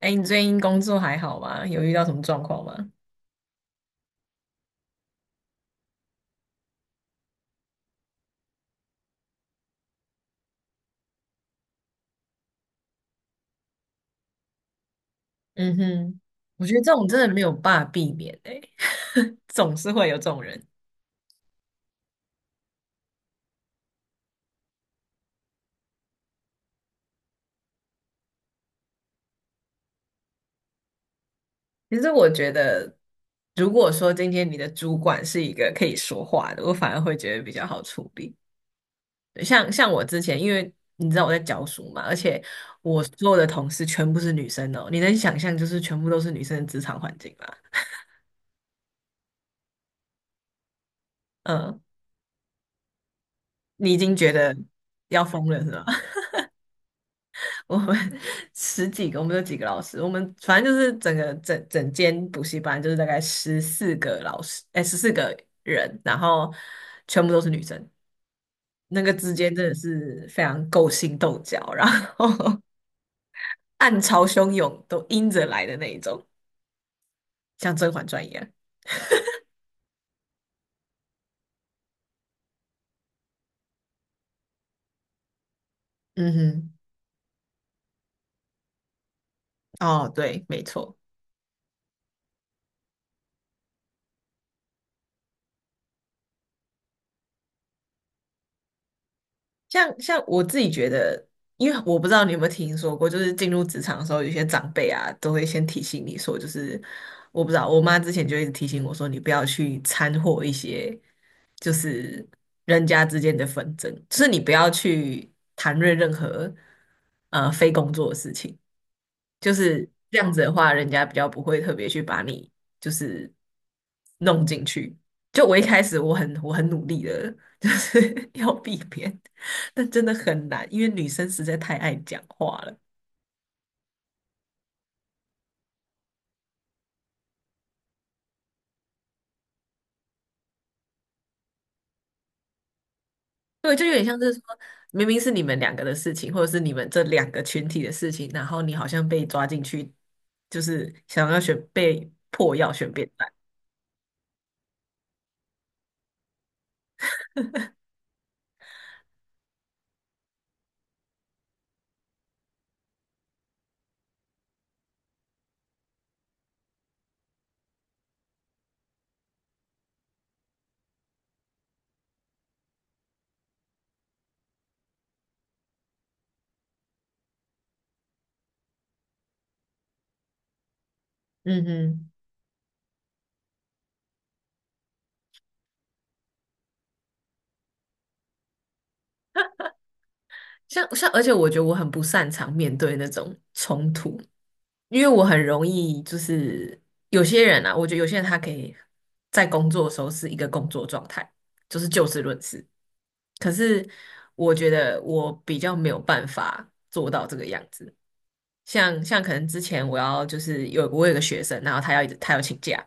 哎，你最近工作还好吗？有遇到什么状况吗？嗯哼，我觉得这种真的没有办法避免哎，总是会有这种人。其实我觉得，如果说今天你的主管是一个可以说话的，我反而会觉得比较好处理。对，像我之前，因为你知道我在教书嘛，而且我所有的同事全部是女生哦，你能想象就是全部都是女生的职场环境吗？嗯，你已经觉得要疯了是吧？我们 十几个，我们有几个老师，我们反正就是整个整整间补习班就是大概十四个老师，哎，十四个人，然后全部都是女生，那个之间真的是非常勾心斗角，然后 暗潮汹涌，都阴着来的那一种，像《甄嬛传》一样。嗯哼，哦，对，没错。像我自己觉得，因为我不知道你有没有听说过，就是进入职场的时候，有些长辈啊都会先提醒你说，就是我不知道，我妈之前就一直提醒我说，你不要去掺和一些就是人家之间的纷争，就是你不要去谈论任何非工作的事情。就是这样子的话，人家比较不会特别去把你就是弄进去。就我一开始我很努力的，就是 要避免，但真的很难，因为女生实在太爱讲话了。对，就有点像是说，明明是你们两个的事情，或者是你们这两个群体的事情，然后你好像被抓进去，就是想要选被迫要选边站。嗯嗯，像，而且我觉得我很不擅长面对那种冲突，因为我很容易就是有些人啊，我觉得有些人他可以在工作的时候是一个工作状态，就是就事论事。可是我觉得我比较没有办法做到这个样子。像可能之前我要就是有我有个学生，然后他要一直请假，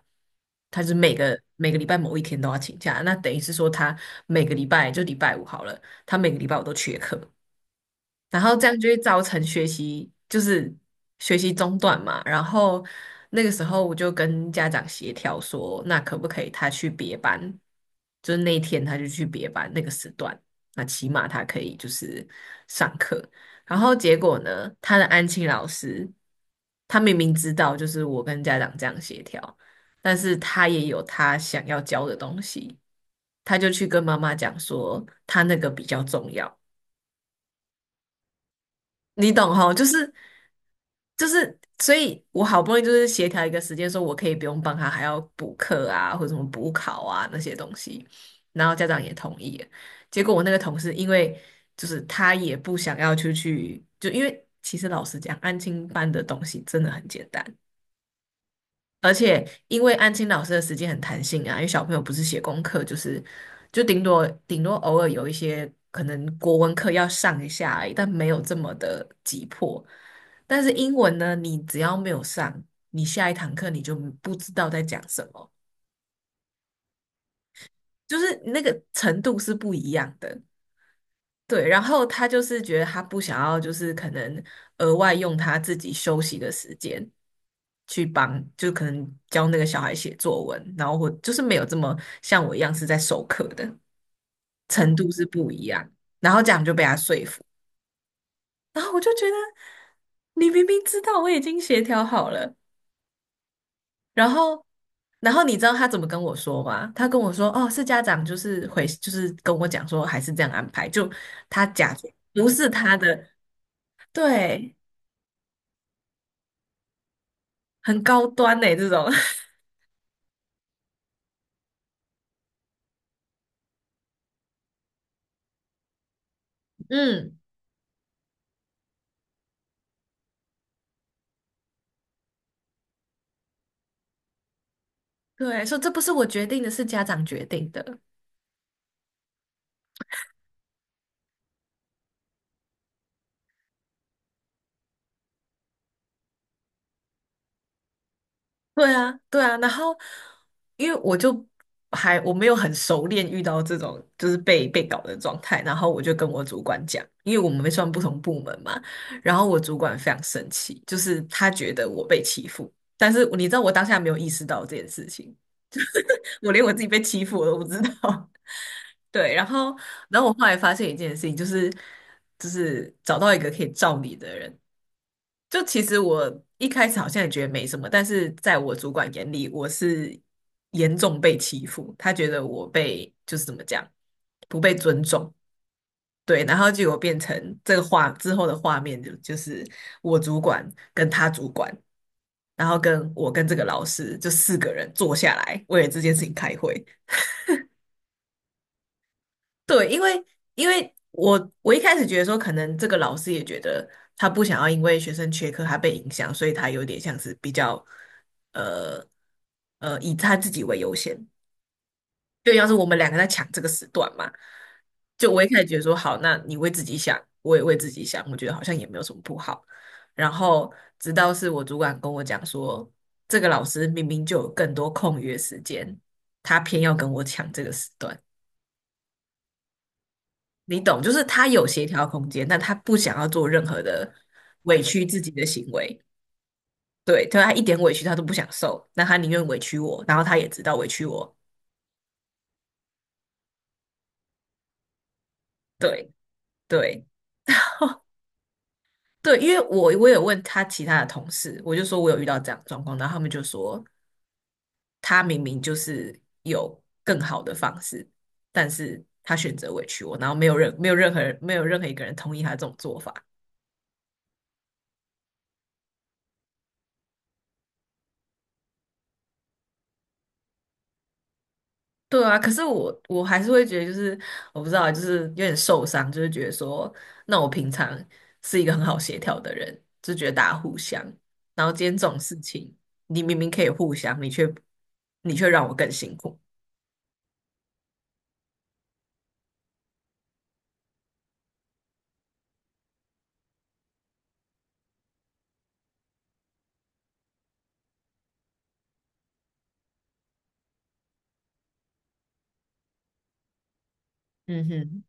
他是每个礼拜某一天都要请假，那等于是说他每个礼拜就礼拜五好了，他每个礼拜我都缺课，然后这样就会造成学习中断嘛。然后那个时候我就跟家长协调说，那可不可以他去别班？就是那一天他就去别班那个时段，那起码他可以就是上课。然后结果呢，他的安亲老师，他明明知道就是我跟家长这样协调，但是他也有他想要教的东西，他就去跟妈妈讲说他那个比较重要。你懂哈，就是，所以我好不容易就是协调一个时间，说我可以不用帮他，还要补课啊，或者什么补考啊那些东西，然后家长也同意了。结果我那个同事，因为就是他也不想要出去，就因为其实老实讲，安亲班的东西真的很简单，而且因为安亲老师的时间很弹性啊，因为小朋友不是写功课，就是就顶多偶尔有一些可能国文课要上一下而已，但没有这么的急迫。但是英文呢，你只要没有上，你下一堂课你就不知道在讲什么，就是那个程度是不一样的。对，然后他就是觉得他不想要，就是可能额外用他自己休息的时间去帮，就可能教那个小孩写作文，然后或就是没有这么像我一样是在授课的程度是不一样，然后这样就被他说服，然后我就觉得你明明知道我已经协调好了，然后你知道他怎么跟我说吗？他跟我说哦，是家长就是回就是跟我讲说还是这样安排，就他假装不是他的。对，很高端呢、这种，嗯，对，说这不是我决定的，是家长决定的，对啊，对啊，然后因为我就我没有很熟练遇到这种就是被搞的状态，然后我就跟我主管讲，因为我们算不同部门嘛，然后我主管非常生气，就是他觉得我被欺负，但是你知道我当下没有意识到这件事情，我连我自己被欺负我都不知道。对，然后，然后我后来发现一件事情，就是找到一个可以罩你的人，就其实我一开始好像也觉得没什么，但是在我主管眼里，我是严重被欺负，他觉得我被就是怎么讲，不被尊重。对，然后结果变成这个画之后的画面就是我主管跟他主管，然后跟我跟这个老师就四个人坐下来为了这件事情开会。对，因为我一开始觉得说，可能这个老师也觉得他不想要因为学生缺课他被影响，所以他有点像是比较呃以他自己为优先，就要是我们两个在抢这个时段嘛。就我一开始觉得说，好，那你为自己想，我也为自己想，我觉得好像也没有什么不好。然后直到是我主管跟我讲说，这个老师明明就有更多空余的时间，他偏要跟我抢这个时段。你懂，就是他有协调空间，但他不想要做任何的委屈自己的行为。对，对他一点委屈他都不想受，那他宁愿委屈我，然后他也知道委屈我。对，对，对，因为我有问他其他的同事，我就说我有遇到这样的状况，然后他们就说他明明就是有更好的方式，但是他选择委屈我，然后没有任何人没有任何一个人同意他这种做法。对啊，可是我还是会觉得，就是我不知道，就是有点受伤，就是觉得说，那我平常是一个很好协调的人，就觉得大家互相，然后今天这种事情，你明明可以互相，你却让我更辛苦。嗯哼，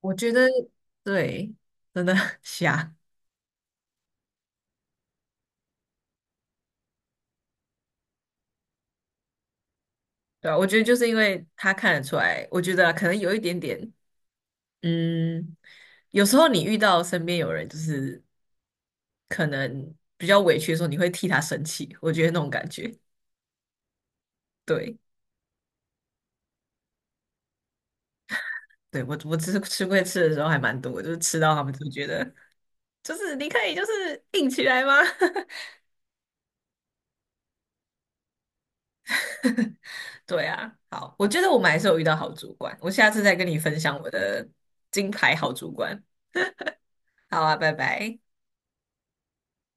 我觉得对，真的 瞎，对啊，我觉得就是因为他看得出来，我觉得啊可能有一点点，嗯，有时候你遇到身边有人就是可能比较委屈的时候，你会替他生气，我觉得那种感觉。对，对，我我吃吃龟吃的时候还蛮多就是吃到他们就觉得，就是你可以就是硬起来吗？对啊，好，我觉得我们还是有遇到好主管，我下次再跟你分享我的金牌好主管。好啊，拜拜。